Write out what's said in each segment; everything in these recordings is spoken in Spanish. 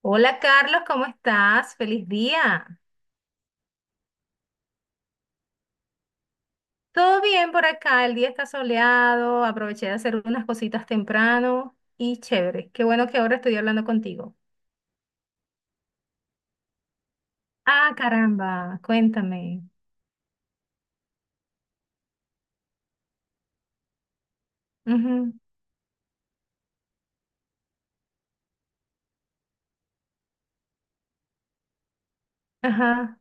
Hola Carlos, ¿cómo estás? Feliz día. Todo bien por acá, el día está soleado, aproveché de hacer unas cositas temprano y chévere. Qué bueno que ahora estoy hablando contigo. Ah, caramba, cuéntame. Ujú. Ajá.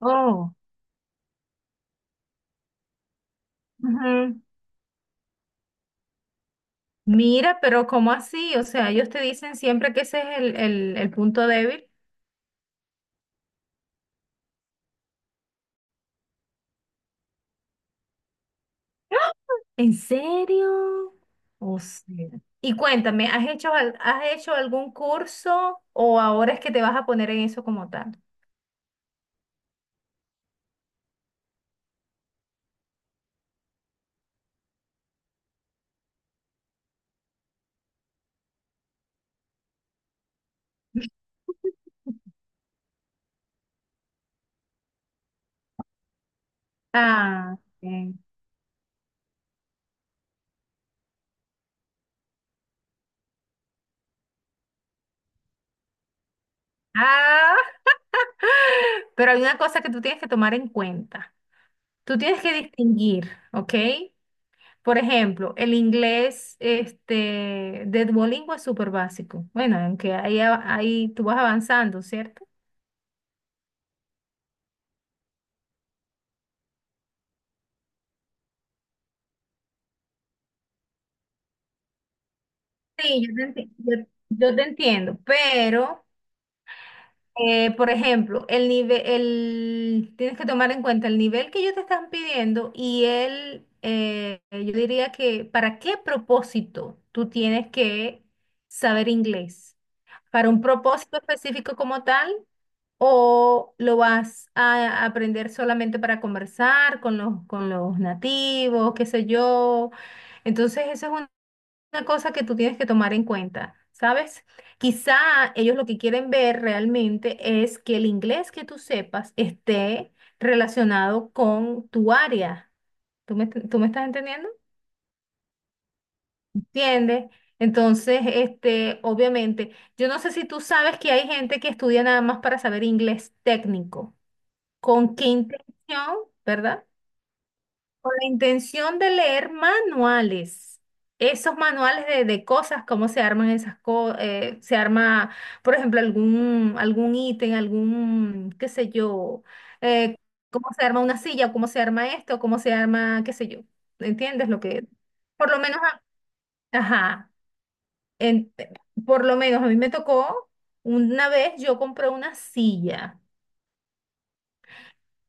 Oh, ujú. Mira, pero ¿cómo así? O sea, ellos te dicen siempre que ese es el punto débil. ¿En serio? O sea, y cuéntame, ¿has hecho, has hecho algún curso o ahora es que te vas a poner en eso como tal? Ah, ok. Ah, pero hay una cosa que tú tienes que tomar en cuenta. Tú tienes que distinguir, ¿ok? Por ejemplo, el inglés este, de Duolingo es súper básico. Bueno, aunque ahí, ahí tú vas avanzando, ¿cierto? Sí, yo te entiendo, pero por ejemplo, tienes que tomar en cuenta el nivel que ellos te están pidiendo y el, yo diría que para qué propósito tú tienes que saber inglés. ¿Para un propósito específico como tal o lo vas a aprender solamente para conversar con con los nativos, qué sé yo? Entonces, eso es una cosa que tú tienes que tomar en cuenta, ¿sabes? Quizá ellos lo que quieren ver realmente es que el inglés que tú sepas esté relacionado con tu área. Tú me estás entendiendo? ¿Entiendes? Entonces, este, obviamente, yo no sé si tú sabes que hay gente que estudia nada más para saber inglés técnico. ¿Con qué intención, verdad? La intención de leer manuales, esos manuales de cosas, cómo se arman esas cosas, se arma, por ejemplo, algún ítem, algún, qué sé yo, eh, cómo se arma una silla, cómo se arma esto, cómo se arma, qué sé yo, ¿entiendes lo que? Por lo menos, ajá, en- por lo menos a mí me tocó, una vez yo compré una silla.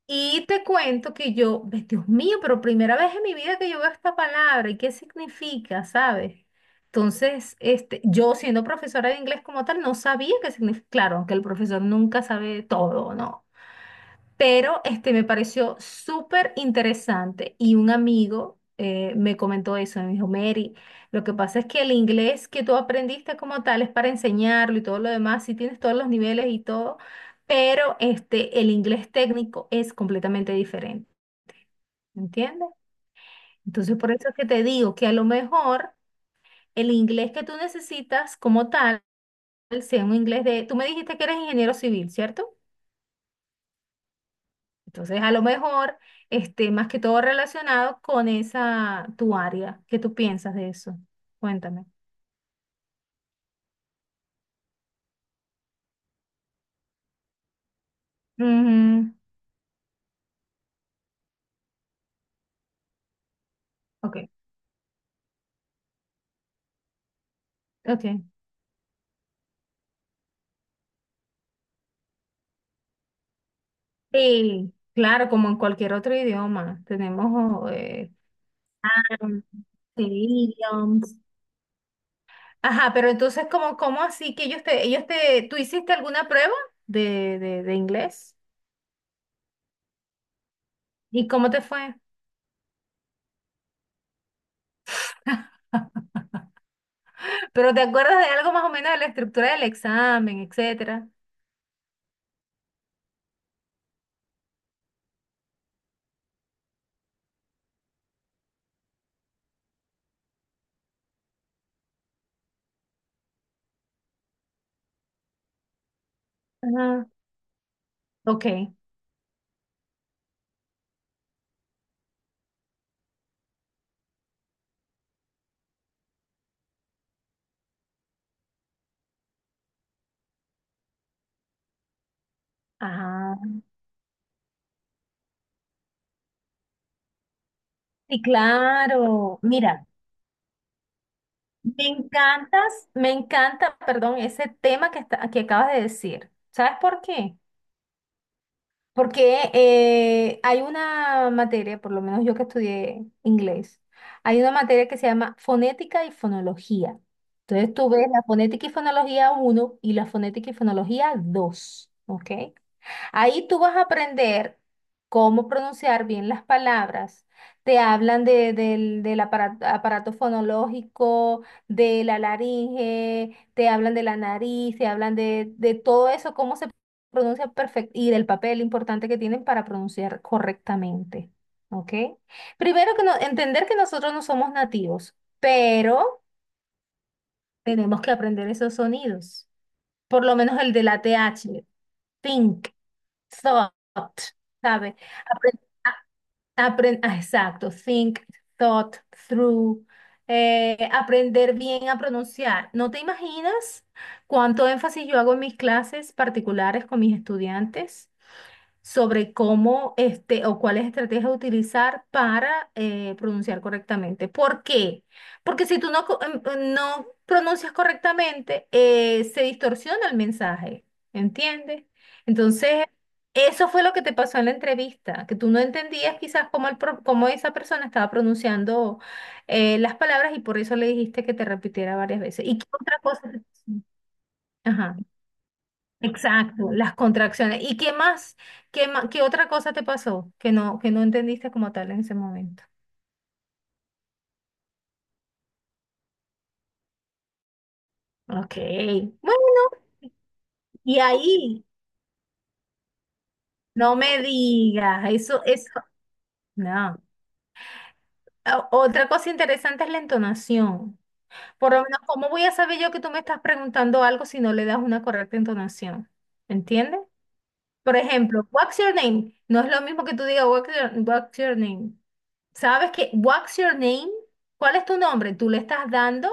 Y te cuento que yo, ve, Dios mío, pero primera vez en mi vida que yo veo esta palabra y qué significa, ¿sabes? Entonces, este, yo siendo profesora de inglés como tal, no sabía qué significa. Claro, que el profesor nunca sabe todo, ¿no? Pero este me pareció súper interesante y un amigo me comentó eso, me dijo, Mary, lo que pasa es que el inglés que tú aprendiste como tal es para enseñarlo y todo lo demás, si tienes todos los niveles y todo, pero este el inglés técnico es completamente diferente, ¿entiendes? Entonces por eso es que te digo que a lo mejor el inglés que tú necesitas como tal sea un inglés de, tú me dijiste que eres ingeniero civil, ¿cierto? Entonces, a lo mejor esté más que todo relacionado con esa tu área. ¿Qué tú piensas de eso? Cuéntame. Ujú. Ok, ok. Sí, claro, como en cualquier otro idioma, tenemos mm, sí, idioms. Ajá, pero entonces, ¿cómo, cómo así que ellos te, tú hiciste alguna prueba de inglés? ¿Y cómo te fue? ¿Pero te acuerdas de algo más o menos de la estructura del examen, etcétera? Ajá. Ok. Ajá. Sí, claro. Mira, me encanta, perdón, ese tema que acabas de decir. ¿Sabes por qué? Porque hay una materia, por lo menos yo que estudié inglés, hay una materia que se llama fonética y fonología. Entonces tú ves la fonética y fonología 1 y la fonética y fonología 2, ¿ok? Ahí tú vas a aprender cómo pronunciar bien las palabras. Te hablan del, del aparato, aparato fonológico, de la laringe, te hablan de la nariz, te hablan de todo eso, cómo se pronuncia perfecto y del papel importante que tienen para pronunciar correctamente. ¿Ok? Primero que no, entender que nosotros no somos nativos, pero tenemos que aprender esos sonidos, por lo menos el de la TH, think, thought, ¿sabes? Apren- a- exacto, think, thought, through, aprender bien a pronunciar. ¿No te imaginas cuánto énfasis yo hago en mis clases particulares con mis estudiantes sobre cómo este o cuáles estrategias utilizar para pronunciar correctamente? ¿Por qué? Porque si tú no, no pronuncias correctamente, se distorsiona el mensaje, ¿entiendes? Entonces, eso fue lo que te pasó en la entrevista, que tú no entendías quizás cómo, cómo esa persona estaba pronunciando las palabras y por eso le dijiste que te repitiera varias veces. ¿Y qué otra cosa te pasó? Ajá. Exacto, las contracciones. ¿Y qué más? ¿Qué qué otra cosa te pasó que no entendiste como tal en ese momento? Ok. Bueno, y ahí, no me digas, eso, no. O- Otra cosa interesante es la entonación. Por lo menos, ¿cómo voy a saber yo que tú me estás preguntando algo si no le das una correcta entonación? ¿Entiendes? Por ejemplo, what's your name? No es lo mismo que tú digas what's your name. ¿Sabes que what's your name? ¿Cuál es tu nombre? Tú le estás dando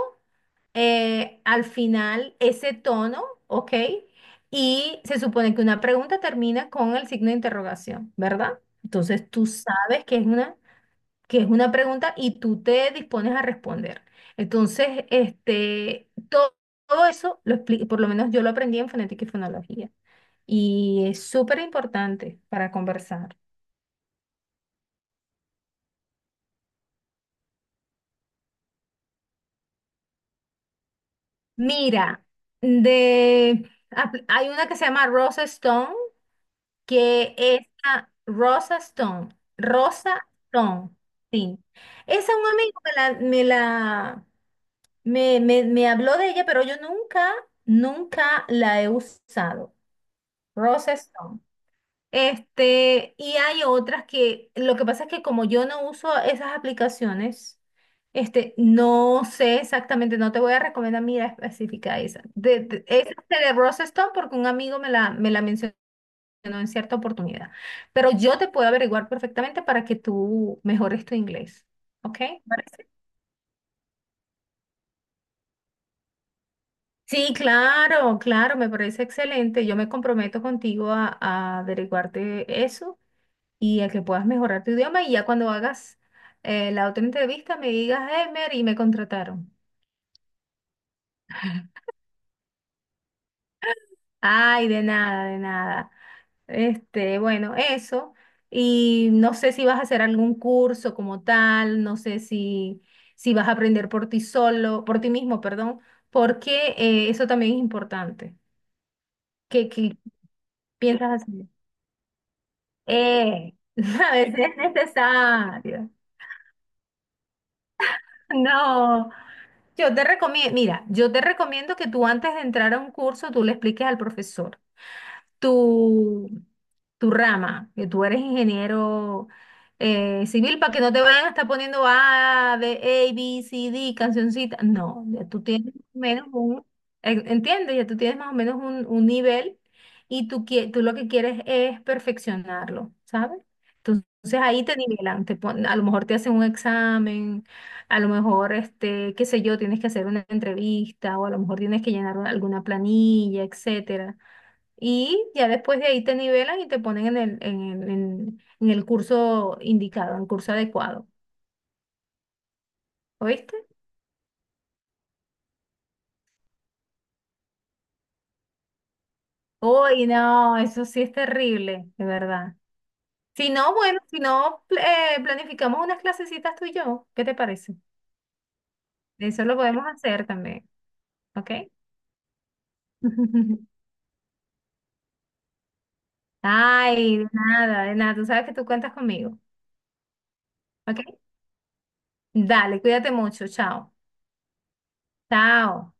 al final ese tono, ¿ok? Y se supone que una pregunta termina con el signo de interrogación, ¿verdad? Entonces tú sabes que es una pregunta y tú te dispones a responder. Entonces, este, todo, eso, por lo menos yo lo aprendí en fonética y fonología. Y es súper importante para conversar. Mira, de, hay una que se llama Rose Stone, que es a Rosa Stone, Rosa Stone, sí. Esa un amigo me la, me la, me habló de ella, pero yo nunca, nunca la he usado. Rosa Stone. Este, y hay otras que, lo que pasa es que como yo no uso esas aplicaciones, este, no sé exactamente, no te voy a recomendar, mira, específica esa. Esa es de Rosa Stone porque un amigo me la mencionó, ¿no?, en cierta oportunidad. Pero yo te puedo averiguar perfectamente para que tú mejores tu inglés. ¿Ok? ¿Te parece? Sí, claro, claro, me parece excelente. Yo me comprometo contigo a averiguarte eso y a que puedas mejorar tu idioma y ya cuando hagas la otra entrevista me digas, hey, Mary, me contrataron. Ay, de nada, de nada. Este, bueno, eso. Y no sé si vas a hacer algún curso como tal, no sé si, si vas a aprender por ti solo, por ti mismo, perdón, porque eso también es importante. ¿Qué, qué piensas hacer? Eh, a veces es necesario. No, yo te recomiendo, mira, yo te recomiendo que tú antes de entrar a un curso, tú le expliques al profesor tu, tu rama, que tú eres ingeniero civil, para que no te vayan a estar poniendo A, B, A, B, C, D, cancioncita. No, ya tú tienes más o menos un, ¿entiendes? Ya tú tienes más o menos un nivel y tú, tú lo que quieres es perfeccionarlo, ¿sabes? Entonces ahí te nivelan, a lo mejor te hacen un examen, a lo mejor, este, qué sé yo, tienes que hacer una entrevista o a lo mejor tienes que llenar alguna planilla, etcétera. Y ya después de ahí te nivelan y te ponen en el, en, en el curso indicado, en el curso adecuado. ¿Oíste? Uy, no, eso sí es terrible, de verdad. Si no, bueno, si no, planificamos unas clasecitas tú y yo. ¿Qué te parece? Eso lo podemos hacer también, ¿ok? Ay, de nada, de nada. Tú sabes que tú cuentas conmigo, ¿ok? Dale, cuídate mucho. Chao. Chao.